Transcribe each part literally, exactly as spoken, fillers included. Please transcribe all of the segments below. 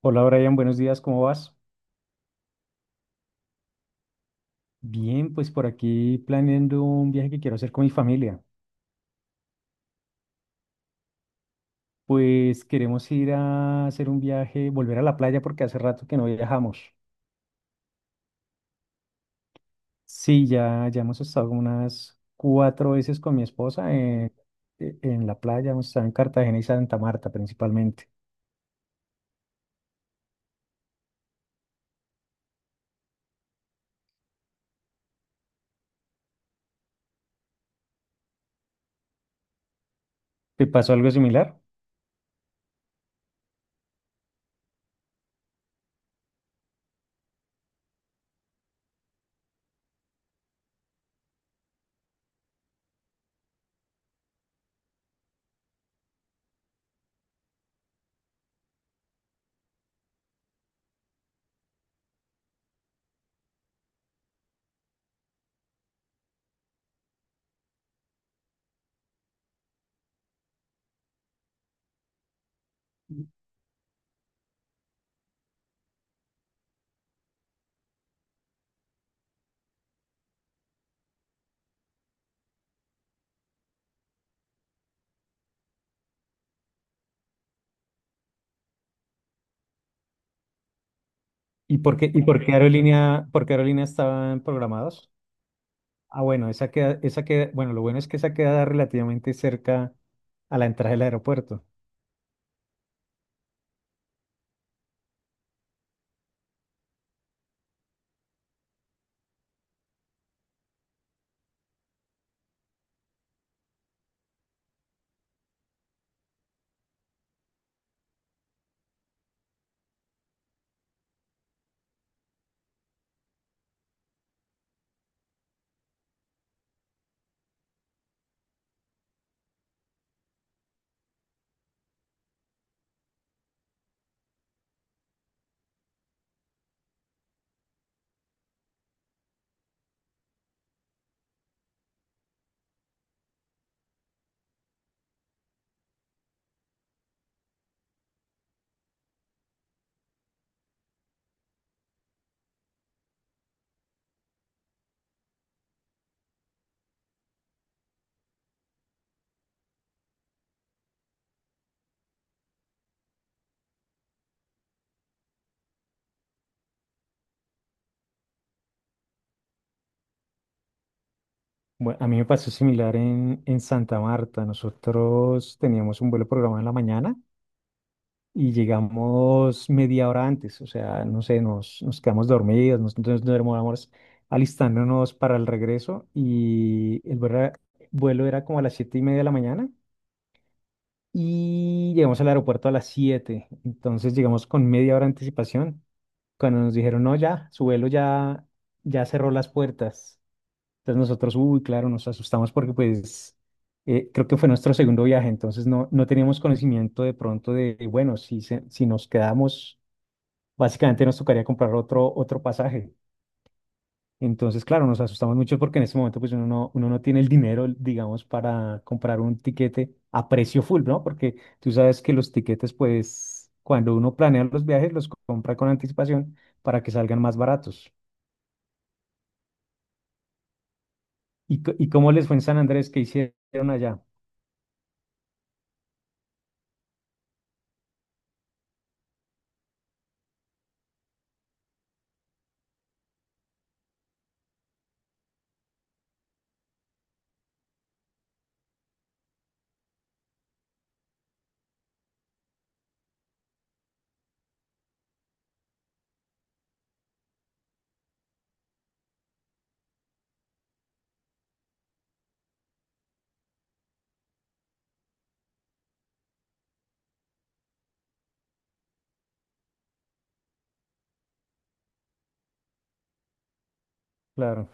Hola Brian, buenos días, ¿cómo vas? Bien, pues por aquí planeando un viaje que quiero hacer con mi familia. Pues queremos ir a hacer un viaje, volver a la playa porque hace rato que no viajamos. Sí, ya, ya hemos estado unas cuatro veces con mi esposa en, e- en la playa, hemos estado en Cartagena y Santa Marta principalmente. ¿Te pasó algo similar? ¿Y por qué, y por qué aerolínea, por qué aerolínea estaban programados? Ah, bueno, esa queda, esa queda, bueno, lo bueno es que esa queda relativamente cerca a la entrada del aeropuerto. Bueno, a mí me pasó similar en, en Santa Marta. Nosotros teníamos un vuelo programado en la mañana y llegamos media hora antes. O sea, no sé, nos, nos quedamos dormidos, nos, entonces nos demoramos alistándonos para el regreso y el vuelo era, vuelo era como a las siete y media de la mañana, y llegamos al aeropuerto a las siete. Entonces llegamos con media hora de anticipación. Cuando nos dijeron, no, ya, su vuelo ya, ya cerró las puertas. Entonces nosotros, uy, claro, nos asustamos porque pues eh, creo que fue nuestro segundo viaje, entonces no, no teníamos conocimiento de pronto de, bueno, si, se- si nos quedamos, básicamente nos tocaría comprar otro, otro pasaje. Entonces, claro, nos asustamos mucho porque en este momento pues uno no, uno no tiene el dinero, digamos, para comprar un tiquete a precio full, ¿no? Porque tú sabes que los tiquetes pues cuando uno planea los viajes los compra con anticipación para que salgan más baratos. ¿Y, co- y cómo les fue en San Andrés? Que hicieron allá? Claro.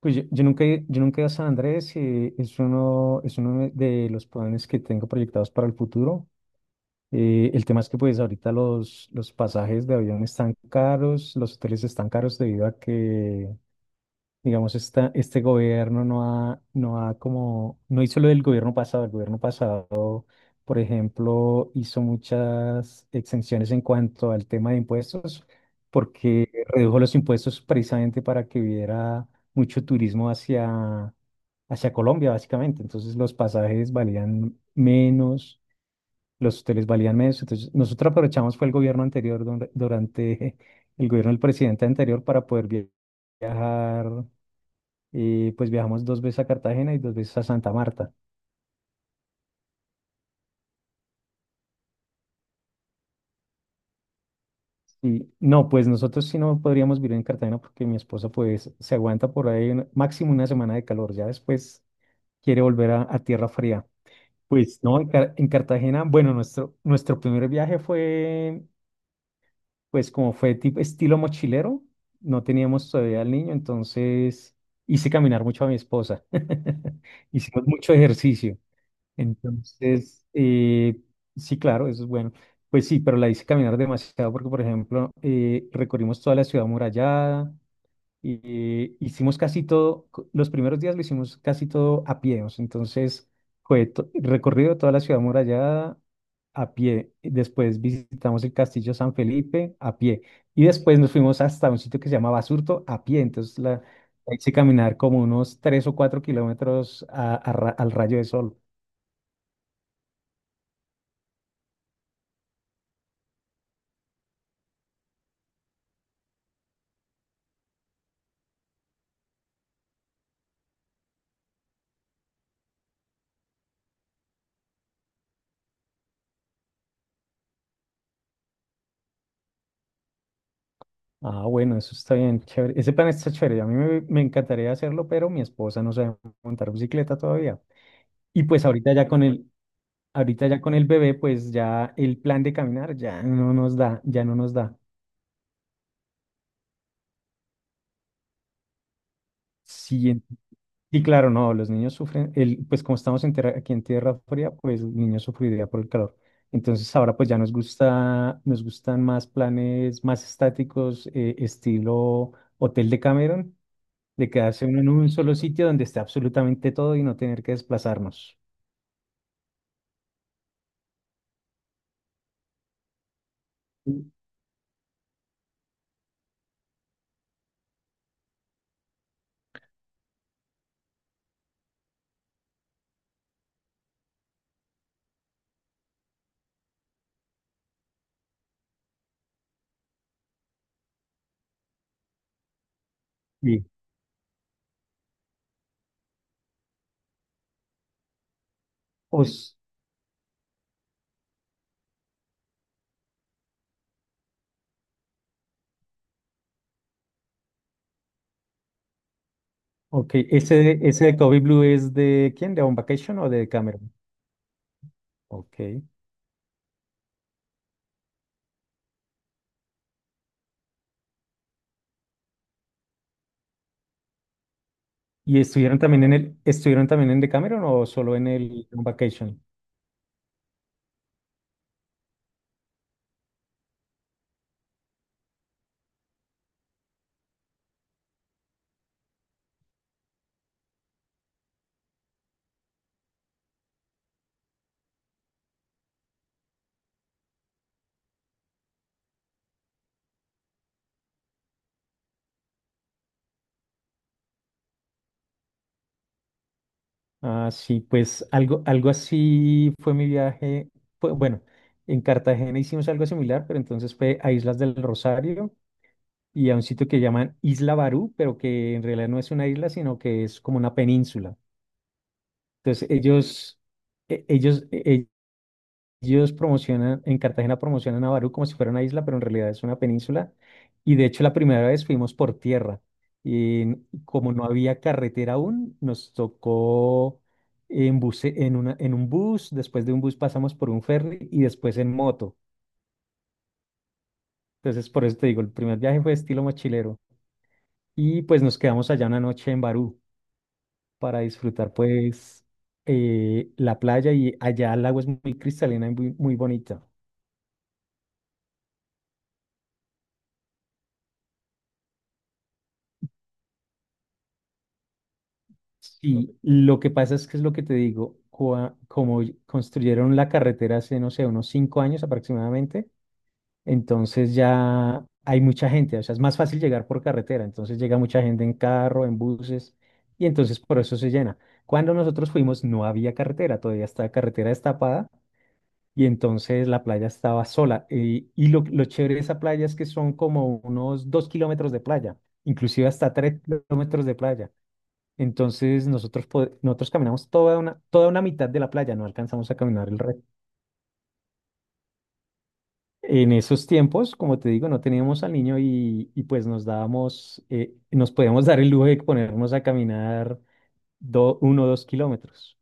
Pues yo, yo nunca he, yo nunca he ido a San Andrés, eh, es uno, es uno de los planes que tengo proyectados para el futuro. Eh, el tema es que pues ahorita los, los pasajes de avión están caros, los hoteles están caros debido a que, digamos, esta, este gobierno no ha, no ha como, no hizo lo del gobierno pasado. El gobierno pasado, por ejemplo, hizo muchas exenciones en cuanto al tema de impuestos, porque redujo los impuestos precisamente para que hubiera mucho turismo hacia, hacia Colombia, básicamente. Entonces los pasajes valían menos, los hoteles valían menos. Entonces nosotros aprovechamos fue el gobierno anterior, donde- durante el gobierno del presidente anterior para poder via- viajar, y pues viajamos dos veces a Cartagena y dos veces a Santa Marta. Y no, pues nosotros sí no podríamos vivir en Cartagena porque mi esposa pues se aguanta por ahí un- máximo una semana de calor. Ya después quiere volver a, a tierra fría. Pues no, en, Car- en Cartagena, bueno, nuestro, nuestro primer viaje fue, pues como fue tipo estilo mochilero. No teníamos todavía al niño, entonces hice caminar mucho a mi esposa. Hicimos mucho ejercicio. Entonces, eh, sí, claro, eso es bueno. Pues sí, pero la hice caminar demasiado porque, por ejemplo, eh, recorrimos toda la ciudad amurallada, eh, hicimos casi todo, co- los primeros días lo hicimos casi todo a pie, o sea, entonces fue to- recorrido toda la ciudad amurallada a pie, y después visitamos el castillo San Felipe a pie, y después nos fuimos hasta un sitio que se llama Basurto a pie, entonces la, la hice caminar como unos tres o cuatro kilómetros a- a ra- al rayo de sol. Ah, bueno, eso está bien, chévere. Ese plan está chévere. A mí me, me encantaría hacerlo, pero mi esposa no sabe montar bicicleta todavía. Y pues ahorita ya con el, ahorita ya con el bebé, pues ya el plan de caminar ya no nos da, ya no nos da. Sí, en- y claro, no, los niños sufren, el, pues como estamos en tierra- aquí en tierra fría, pues los niños sufriría por el calor. Entonces ahora pues ya nos gusta, nos gustan más planes más estáticos, eh, estilo Hotel de Cameron, de quedarse uno en un solo sitio donde esté absolutamente todo y no tener que desplazarnos. Sí. Os, ok, ese, de- ese de Kobe Blue es de quién, ¿de On Vacation o de Cameron? Ok. ¿Y estuvieron también en el, estuvieron también en Cameron o solo en el On Vacation? Ah, sí, pues algo, algo así fue mi viaje. Fue, bueno, en Cartagena hicimos algo similar, pero entonces fue a Islas del Rosario y a un sitio que llaman Isla Barú, pero que en realidad no es una isla, sino que es como una península. Entonces ellos, e- ellos, e- ellos promocionan, en Cartagena promocionan a Barú como si fuera una isla, pero en realidad es una península. Y de hecho la primera vez fuimos por tierra. Y n- como no había carretera aún, nos tocó en, buce- en, una- en un bus, después de un bus pasamos por un ferry y después en moto. Entonces por eso te digo, el primer viaje fue estilo mochilero. Y pues nos quedamos allá una noche en Barú para disfrutar pues eh, la playa, y allá el agua es muy cristalina y muy, muy bonita. Y lo que pasa es que es lo que te digo, cua- como construyeron la carretera hace, no sé, unos cinco años aproximadamente, entonces ya hay mucha gente, o sea, es más fácil llegar por carretera, entonces llega mucha gente en carro, en buses, y entonces por eso se llena. Cuando nosotros fuimos no había carretera, todavía estaba carretera destapada y entonces la playa estaba sola. eh, y lo, lo chévere de esa playa es que son como unos dos kilómetros de playa, inclusive hasta tres kilómetros de playa. Entonces nosotros, pod- nosotros caminamos toda una, toda una mitad de la playa, no alcanzamos a caminar el resto. En esos tiempos, como te digo, no teníamos al niño y, y pues nos dábamos, eh, nos podíamos dar el lujo de ponernos a caminar do- uno o dos kilómetros.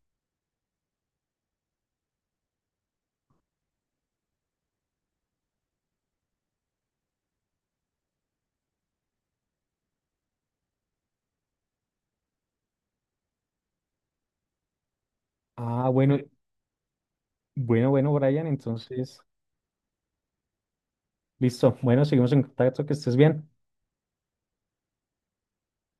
Ah, bueno, bueno, bueno, Brian, entonces, listo. Bueno, seguimos en contacto, que estés bien.